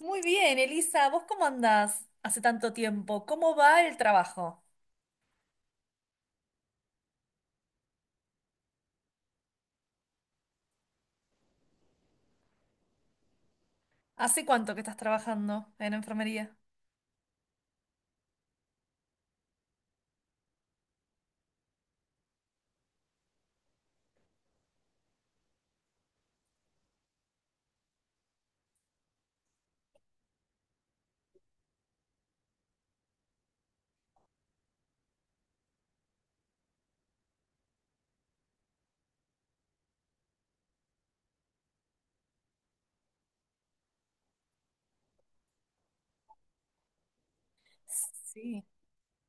Muy bien, Elisa, ¿vos cómo andás hace tanto tiempo? ¿Cómo va el trabajo? ¿Hace cuánto que estás trabajando en enfermería? Sí,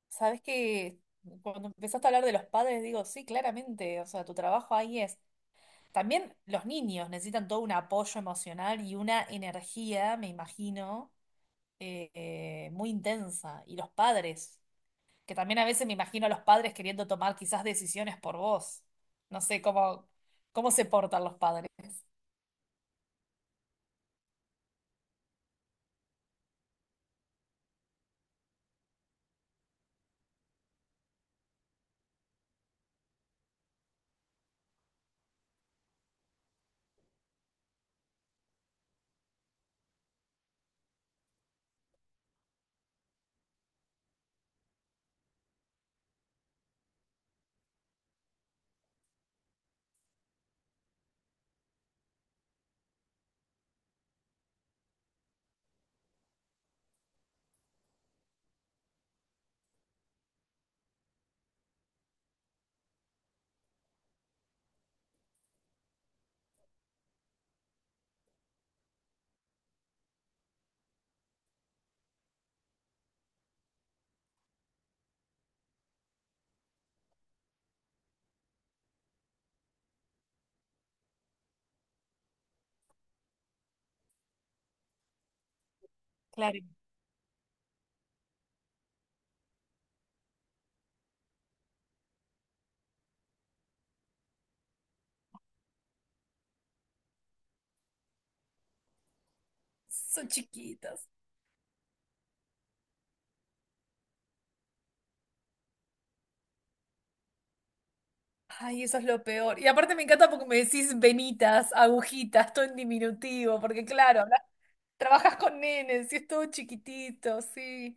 sabes que cuando empezaste a hablar de los padres, digo, sí, claramente, o sea, tu trabajo ahí es. También los niños necesitan todo un apoyo emocional y una energía, me imagino, muy intensa. Y los padres, que también a veces me imagino a los padres queriendo tomar quizás decisiones por vos. No sé cómo se portan los padres. Claro. Son chiquitas. Ay, eso es lo peor. Y aparte me encanta porque me decís venitas, agujitas, todo en diminutivo, porque claro, trabajas con nenes y es todo chiquitito, sí.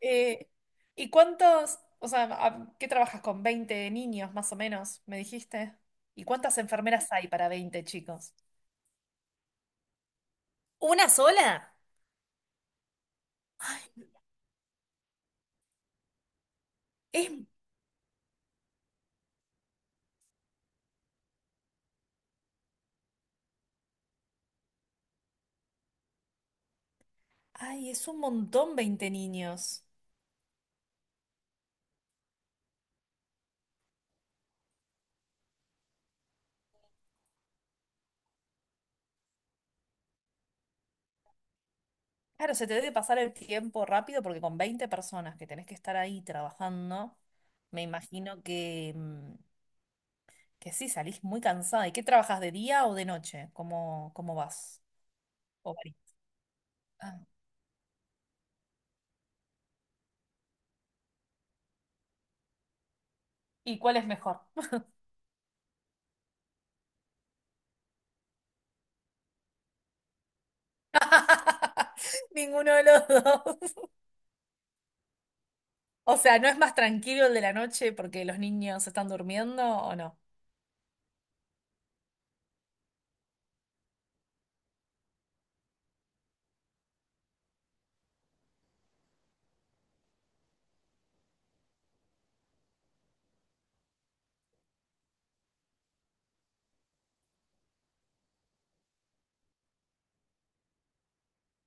Eh, ¿Y cuántos, o sea, qué trabajas con 20 niños más o menos, me dijiste? ¿Y cuántas enfermeras hay para 20 chicos? ¿Una sola? Ay, es, ay, es un montón 20 niños. Claro, se te debe pasar el tiempo rápido porque con 20 personas que tenés que estar ahí trabajando, me imagino que, que sí, salís muy cansada. ¿Y qué trabajas de día o de noche? ¿Cómo vas? ¿O varía? Ah, ¿y cuál es mejor? Ninguno de los dos. O sea, ¿no es más tranquilo el de la noche porque los niños están durmiendo o no?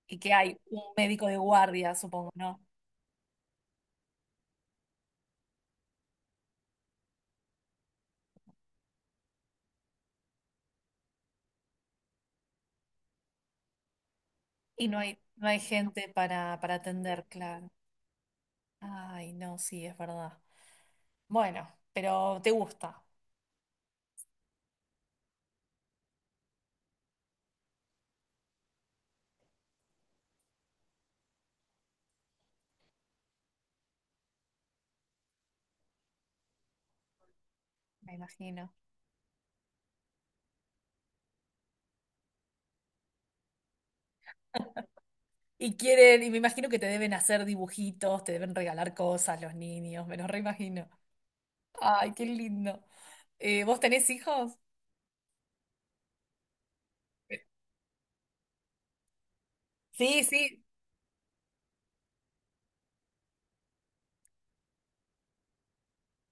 ¿Y que hay un médico de guardia, supongo, ¿no? Y no hay gente para atender, claro. Ay, no, sí, es verdad. Bueno, pero te gusta. Me imagino. Y quieren, y me imagino que te deben hacer dibujitos, te deben regalar cosas los niños, me los reimagino. Ay, qué lindo. ¿Vos tenés hijos? Sí, sí.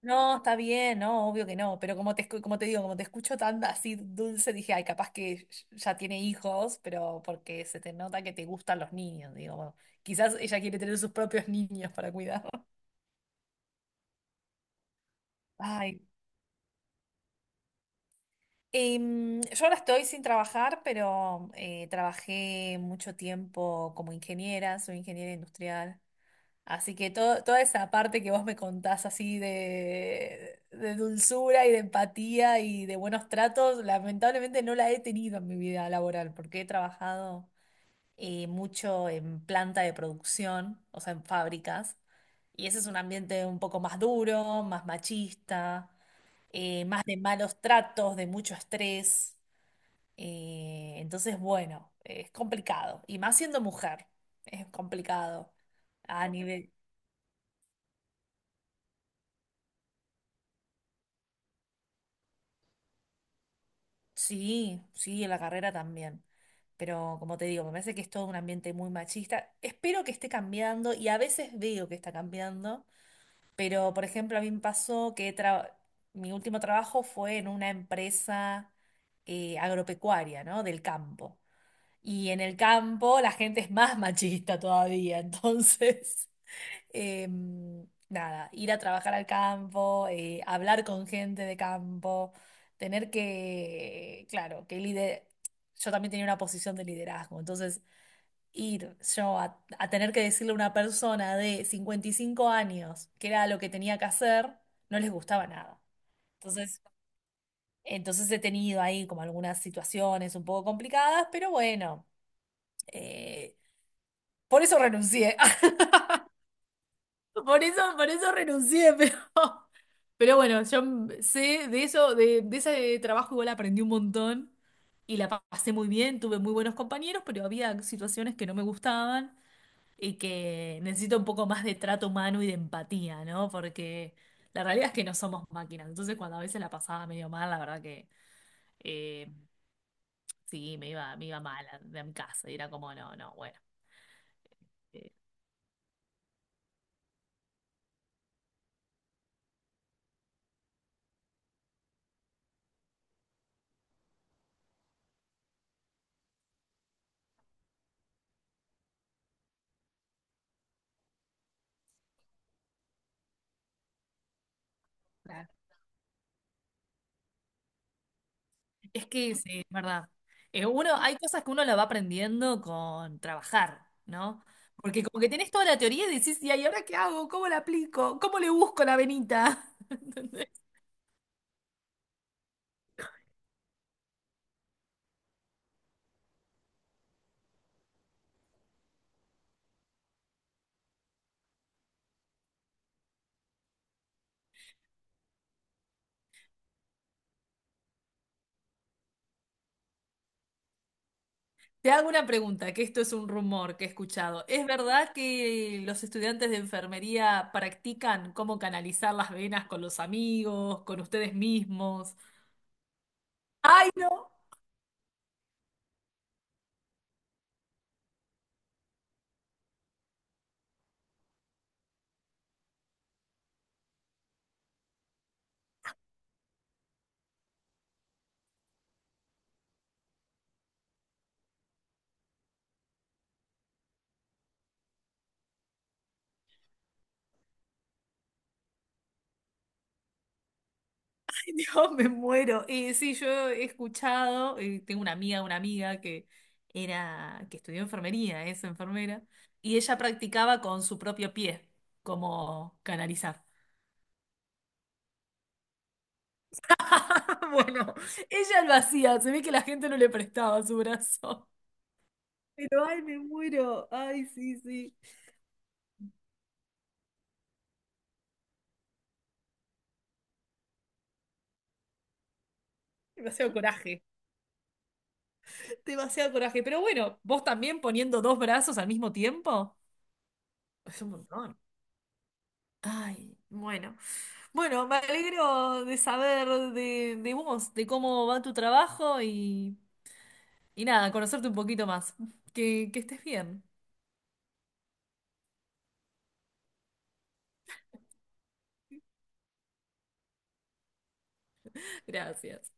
No, está bien, no, obvio que no, pero como te digo, como te escucho tan así dulce, dije, ay, capaz que ya tiene hijos, pero porque se te nota que te gustan los niños, digo, bueno, quizás ella quiere tener sus propios niños para cuidar. Ay. Yo ahora estoy sin trabajar, pero trabajé mucho tiempo como ingeniera, soy ingeniera industrial, así que todo, toda esa parte que vos me contás así de dulzura y de empatía y de buenos tratos, lamentablemente no la he tenido en mi vida laboral, porque he trabajado mucho en planta de producción, o sea, en fábricas, y ese es un ambiente un poco más duro, más machista, más de malos tratos, de mucho estrés. Entonces, bueno, es complicado. Y más siendo mujer, es complicado. A nivel, sí, sí, en la carrera también. Pero como te digo, me parece que es todo un ambiente muy machista. Espero que esté cambiando y a veces veo que está cambiando. Pero, por ejemplo, a mí me pasó mi último trabajo fue en una empresa agropecuaria, ¿no? Del campo. Y en el campo la gente es más machista todavía. Entonces... nada, ir a trabajar al campo, hablar con gente de campo, tener que, claro, yo también tenía una posición de liderazgo, entonces ir yo a tener que decirle a una persona de 55 años que era lo que tenía que hacer, no les gustaba nada. Entonces, entonces he tenido ahí como algunas situaciones un poco complicadas, pero bueno, eh, por eso renuncié. Por eso renuncié, pero, pero bueno, yo sé de eso, de ese trabajo igual aprendí un montón y pasé muy bien, tuve muy buenos compañeros, pero había situaciones que no me gustaban y que necesito un poco más de trato humano y de empatía, ¿no? Porque la realidad es que no somos máquinas, entonces cuando a veces la pasaba medio mal, la verdad que eh, sí, me iba mal a mi casa y era como, no, no, bueno. eh, Es que sí, es verdad. Uno, hay cosas que uno la va aprendiendo con trabajar, ¿no? Porque como que tenés toda la teoría y decís, "Ya, ¿y ahí ahora qué hago? ¿Cómo la aplico? ¿Cómo le busco la venita? ¿Entendés? Te hago una pregunta, que esto es un rumor que he escuchado. ¿Es verdad que los estudiantes de enfermería practican cómo canalizar las venas con los amigos, con ustedes mismos? ¡Ay, no! Dios, me muero. Sí, yo he escuchado, tengo una amiga que estudió enfermería, es enfermera, y ella practicaba con su propio pie, como canalizar. Bueno, ella lo hacía, se ve que la gente no le prestaba su brazo. Pero ay, me muero. Ay, sí, sí. Demasiado coraje. Demasiado coraje. Pero bueno, vos también poniendo dos brazos al mismo tiempo. Es un montón. Ay, bueno. Bueno, me alegro de saber de vos, de cómo va tu trabajo y nada, conocerte un poquito más. Que estés bien. Gracias.